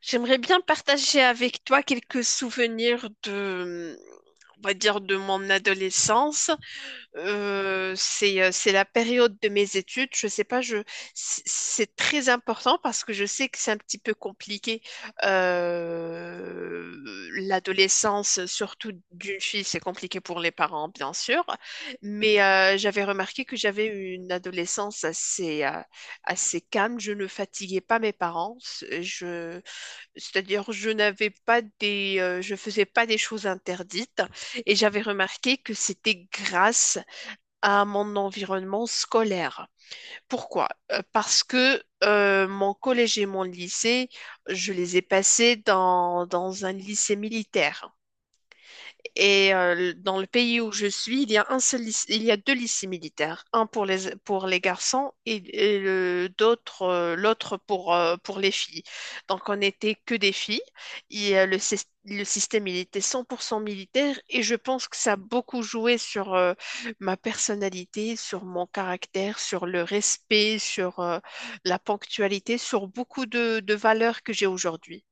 J'aimerais bien partager avec toi quelques souvenirs de, on va dire, de mon adolescence. C'est la période de mes études. Je sais pas, je, C'est très important parce que je sais que c'est un petit peu compliqué. Euh, L'adolescence, surtout d'une fille, c'est compliqué pour les parents, bien sûr. Mais j'avais remarqué que j'avais eu une adolescence assez, assez calme. Je ne fatiguais pas mes parents. Je C'est-à-dire, je faisais pas des choses interdites et j'avais remarqué que c'était grâce à mon environnement scolaire. Pourquoi? Parce que mon collège et mon lycée, je les ai passés dans un lycée militaire. Dans le pays où je suis, il y a il y a deux lycées militaires, un pour les garçons et le d'autre l'autre pour les filles. Donc on n'était que des filles. Le système il était 100% militaire et je pense que ça a beaucoup joué sur ma personnalité, sur mon caractère, sur le respect, sur la ponctualité, sur beaucoup de valeurs que j'ai aujourd'hui.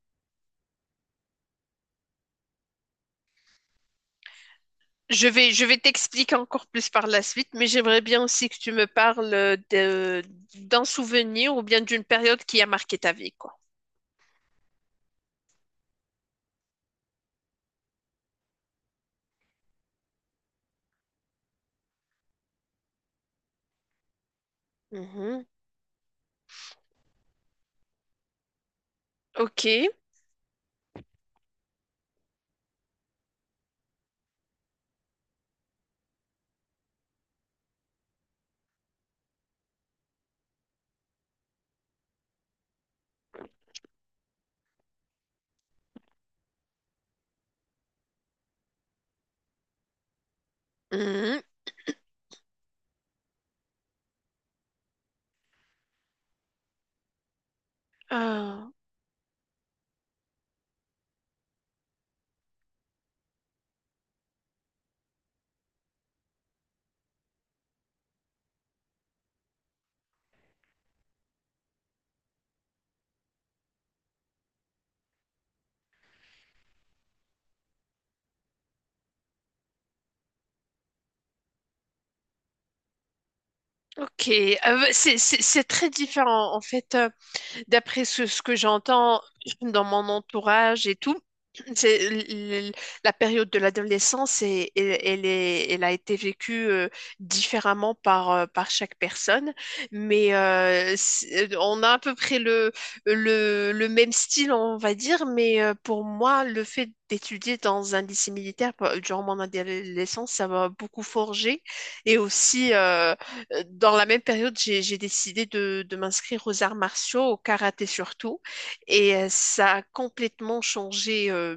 Je vais t'expliquer encore plus par la suite, mais j'aimerais bien aussi que tu me parles d'un souvenir ou bien d'une période qui a marqué ta vie, quoi. Mhm. Ok. Mhm. Ah, ok. Ah, bah, c'est très différent. D'après ce que j'entends dans mon entourage et tout, c'est la période de l'adolescence et elle a été vécue différemment par chaque personne, mais on a à peu près le même style, on va dire, mais pour moi, le fait d'étudier dans un lycée militaire durant mon adolescence, ça m'a beaucoup forgé et aussi dans la même période, j'ai décidé de m'inscrire aux arts martiaux, au karaté surtout, et ça a complètement changé euh,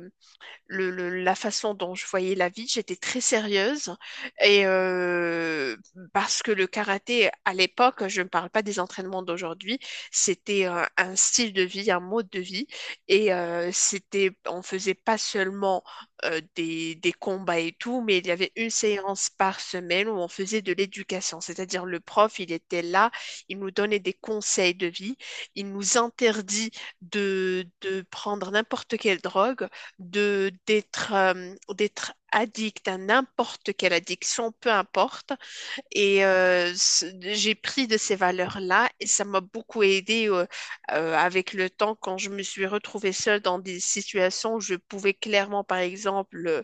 le- le- la façon dont je voyais la vie. J'étais très sérieuse et parce que le karaté à l'époque, je ne parle pas des entraînements d'aujourd'hui, c'était un style de vie, un mode de vie et c'était, on faisait pas seulement des combats et tout, mais il y avait une séance par semaine où on faisait de l'éducation, c'est-à-dire le prof, il était là, il nous donnait des conseils de vie, il nous interdit de prendre n'importe quelle drogue de d'être d'être addict à n'importe quelle addiction, peu importe, et j'ai pris de ces valeurs-là et ça m'a beaucoup aidé avec le temps quand je me suis retrouvée seule dans des situations où je pouvais clairement, par exemple,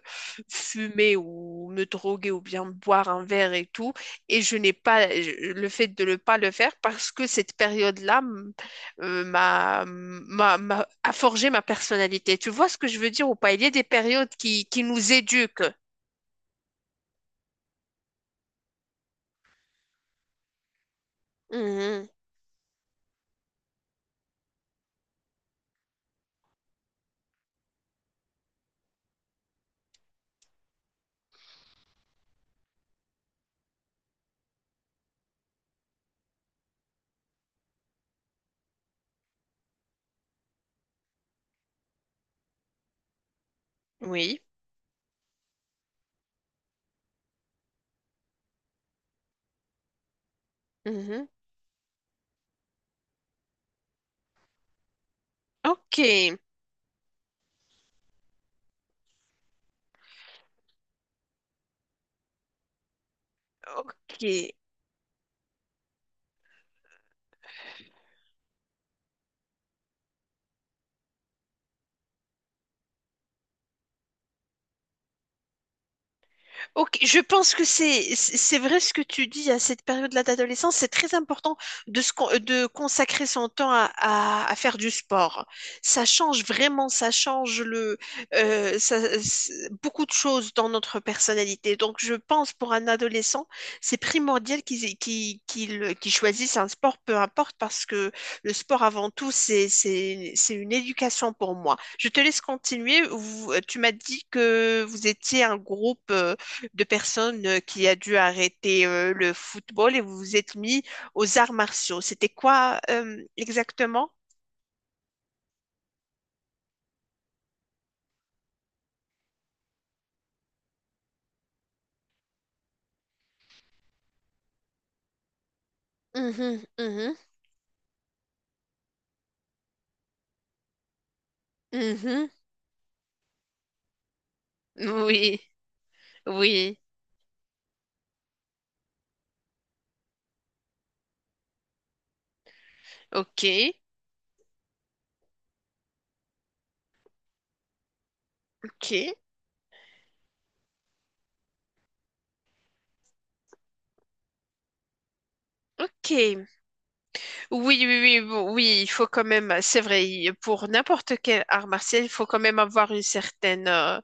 fumer ou me droguer ou bien boire un verre et tout. Et je n'ai pas je- le fait de ne pas le faire parce que cette période-là a forgé ma personnalité. Tu vois ce que je veux dire ou pas? Il y a des périodes qui nous éduquent. Mhm. Oui. Mhm. Ok. Ok, Ok, je pense que c'est c'est vrai ce que tu dis à cette période-là d'adolescence. C'est très important de de consacrer son temps à faire du sport. Ça change vraiment, ça change beaucoup de choses dans notre personnalité. Donc je pense pour un adolescent, c'est primordial qu'il choisisse un sport, peu importe, parce que le sport avant tout c'est c'est une éducation pour moi. Je te laisse continuer. Tu m'as dit que vous étiez un groupe. De personnes qui a dû arrêter le football et vous êtes mis aux arts martiaux. C'était quoi exactement? Mhm, mhm, mhm. Oui, oui. Ok, Ok, ok. Oui, oui, oui, bon, oui, il faut quand même, c'est vrai, pour n'importe quel art martial, il faut quand même avoir une certaine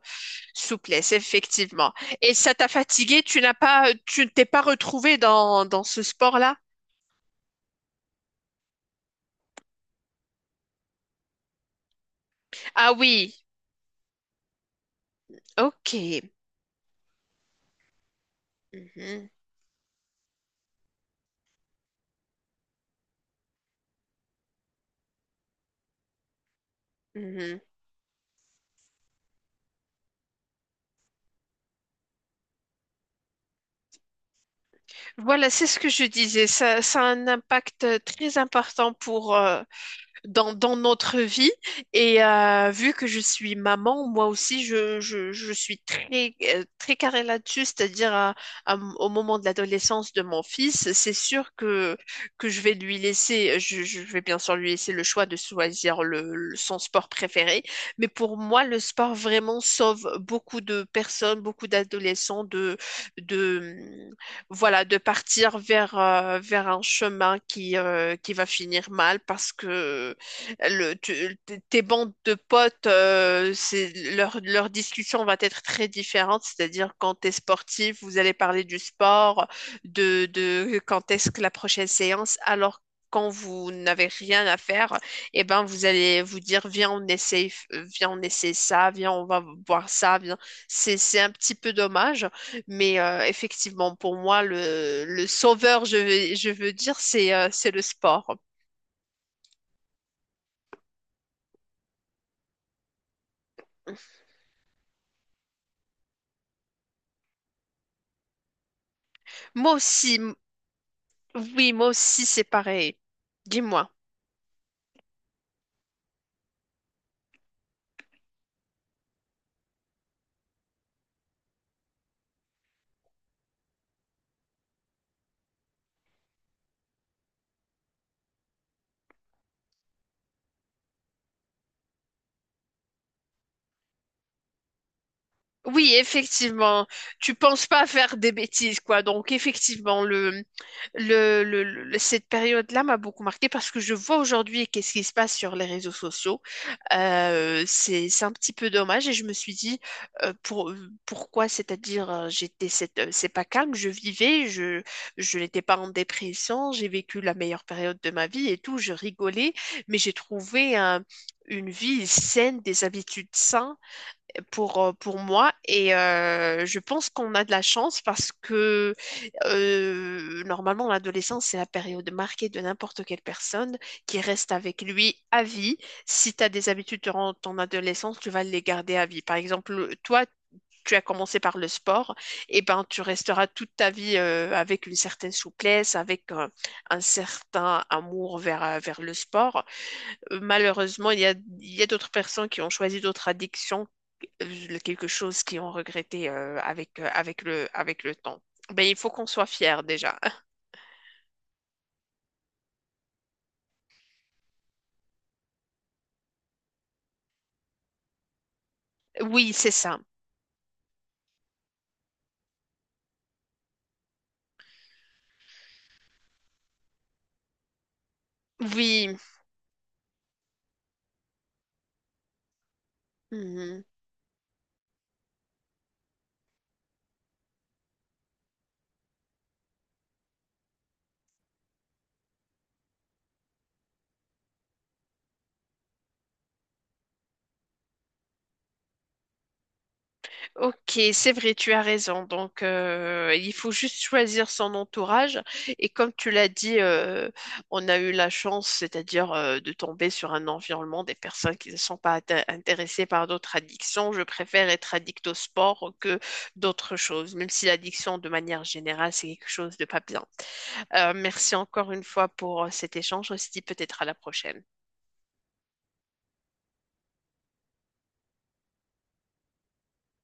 souplesse, effectivement. Et ça t'a fatigué, tu ne t'es pas retrouvé dans ce sport-là? Ah oui, ok. Mhm. Mhm. Voilà, c'est ce que je disais. Ça a un impact très important pour, dans notre vie. Et vu que je suis maman, moi aussi, je suis très, très carrée là-dessus, c'est-à-dire à au moment de l'adolescence de mon fils, c'est sûr que je vais lui laisser, je vais bien sûr lui laisser le choix de choisir son sport préféré. Mais pour moi, le sport vraiment sauve beaucoup de personnes, beaucoup d'adolescents de, voilà, de partir vers, vers un chemin qui qui va finir mal parce que le, tu- tes bandes de potes, leur discussion va être très différente, c'est-à-dire quand tu es sportif, vous allez parler du sport, de quand est-ce que la prochaine séance, alors quand vous n'avez rien à faire, eh ben vous allez vous dire, viens, on essaye, viens, on essaie ça, viens, on va boire ça, viens. C'est un petit peu dommage, mais effectivement, pour moi, le sauveur, je veux dire, c'est le sport. Moi aussi, oui, moi aussi, c'est pareil. Dis-moi. Oui, effectivement, tu penses pas faire des bêtises, quoi. Donc, effectivement, cette période-là m'a beaucoup marquée parce que je vois aujourd'hui qu'est-ce qui se passe sur les réseaux sociaux. C'est un petit peu dommage et je me suis dit euh, pour, pourquoi, c'est-à-dire c'est pas calme, je n'étais pas en dépression, j'ai vécu la meilleure période de ma vie et tout, je rigolais, mais une vie saine, des habitudes saines pour moi et je pense qu'on a de la chance parce que normalement l'adolescence c'est la période marquée de n'importe quelle personne qui reste avec lui à vie. Si tu as des habitudes durant ton adolescence, tu vas les garder à vie. Par exemple, toi, tu as commencé par le sport, et ben tu resteras toute ta vie avec une certaine souplesse, avec un certain amour vers, vers le sport. Malheureusement, il y a d'autres personnes qui ont choisi d'autres addictions, quelque chose qu'ils ont regretté avec le temps. Ben, il faut qu'on soit fier déjà. Oui, c'est ça. Oui. Mhm. Ok, c'est vrai, tu as raison. Donc, il faut juste choisir son entourage. Et comme tu l'as dit, on a eu la chance, c'est-à-dire de tomber sur un environnement des personnes qui ne sont pas intéressées par d'autres addictions. Je préfère être addict au sport que d'autres choses, même si l'addiction, de manière générale, c'est quelque chose de pas bien. Merci encore une fois pour cet échange. On se dit peut-être à la prochaine.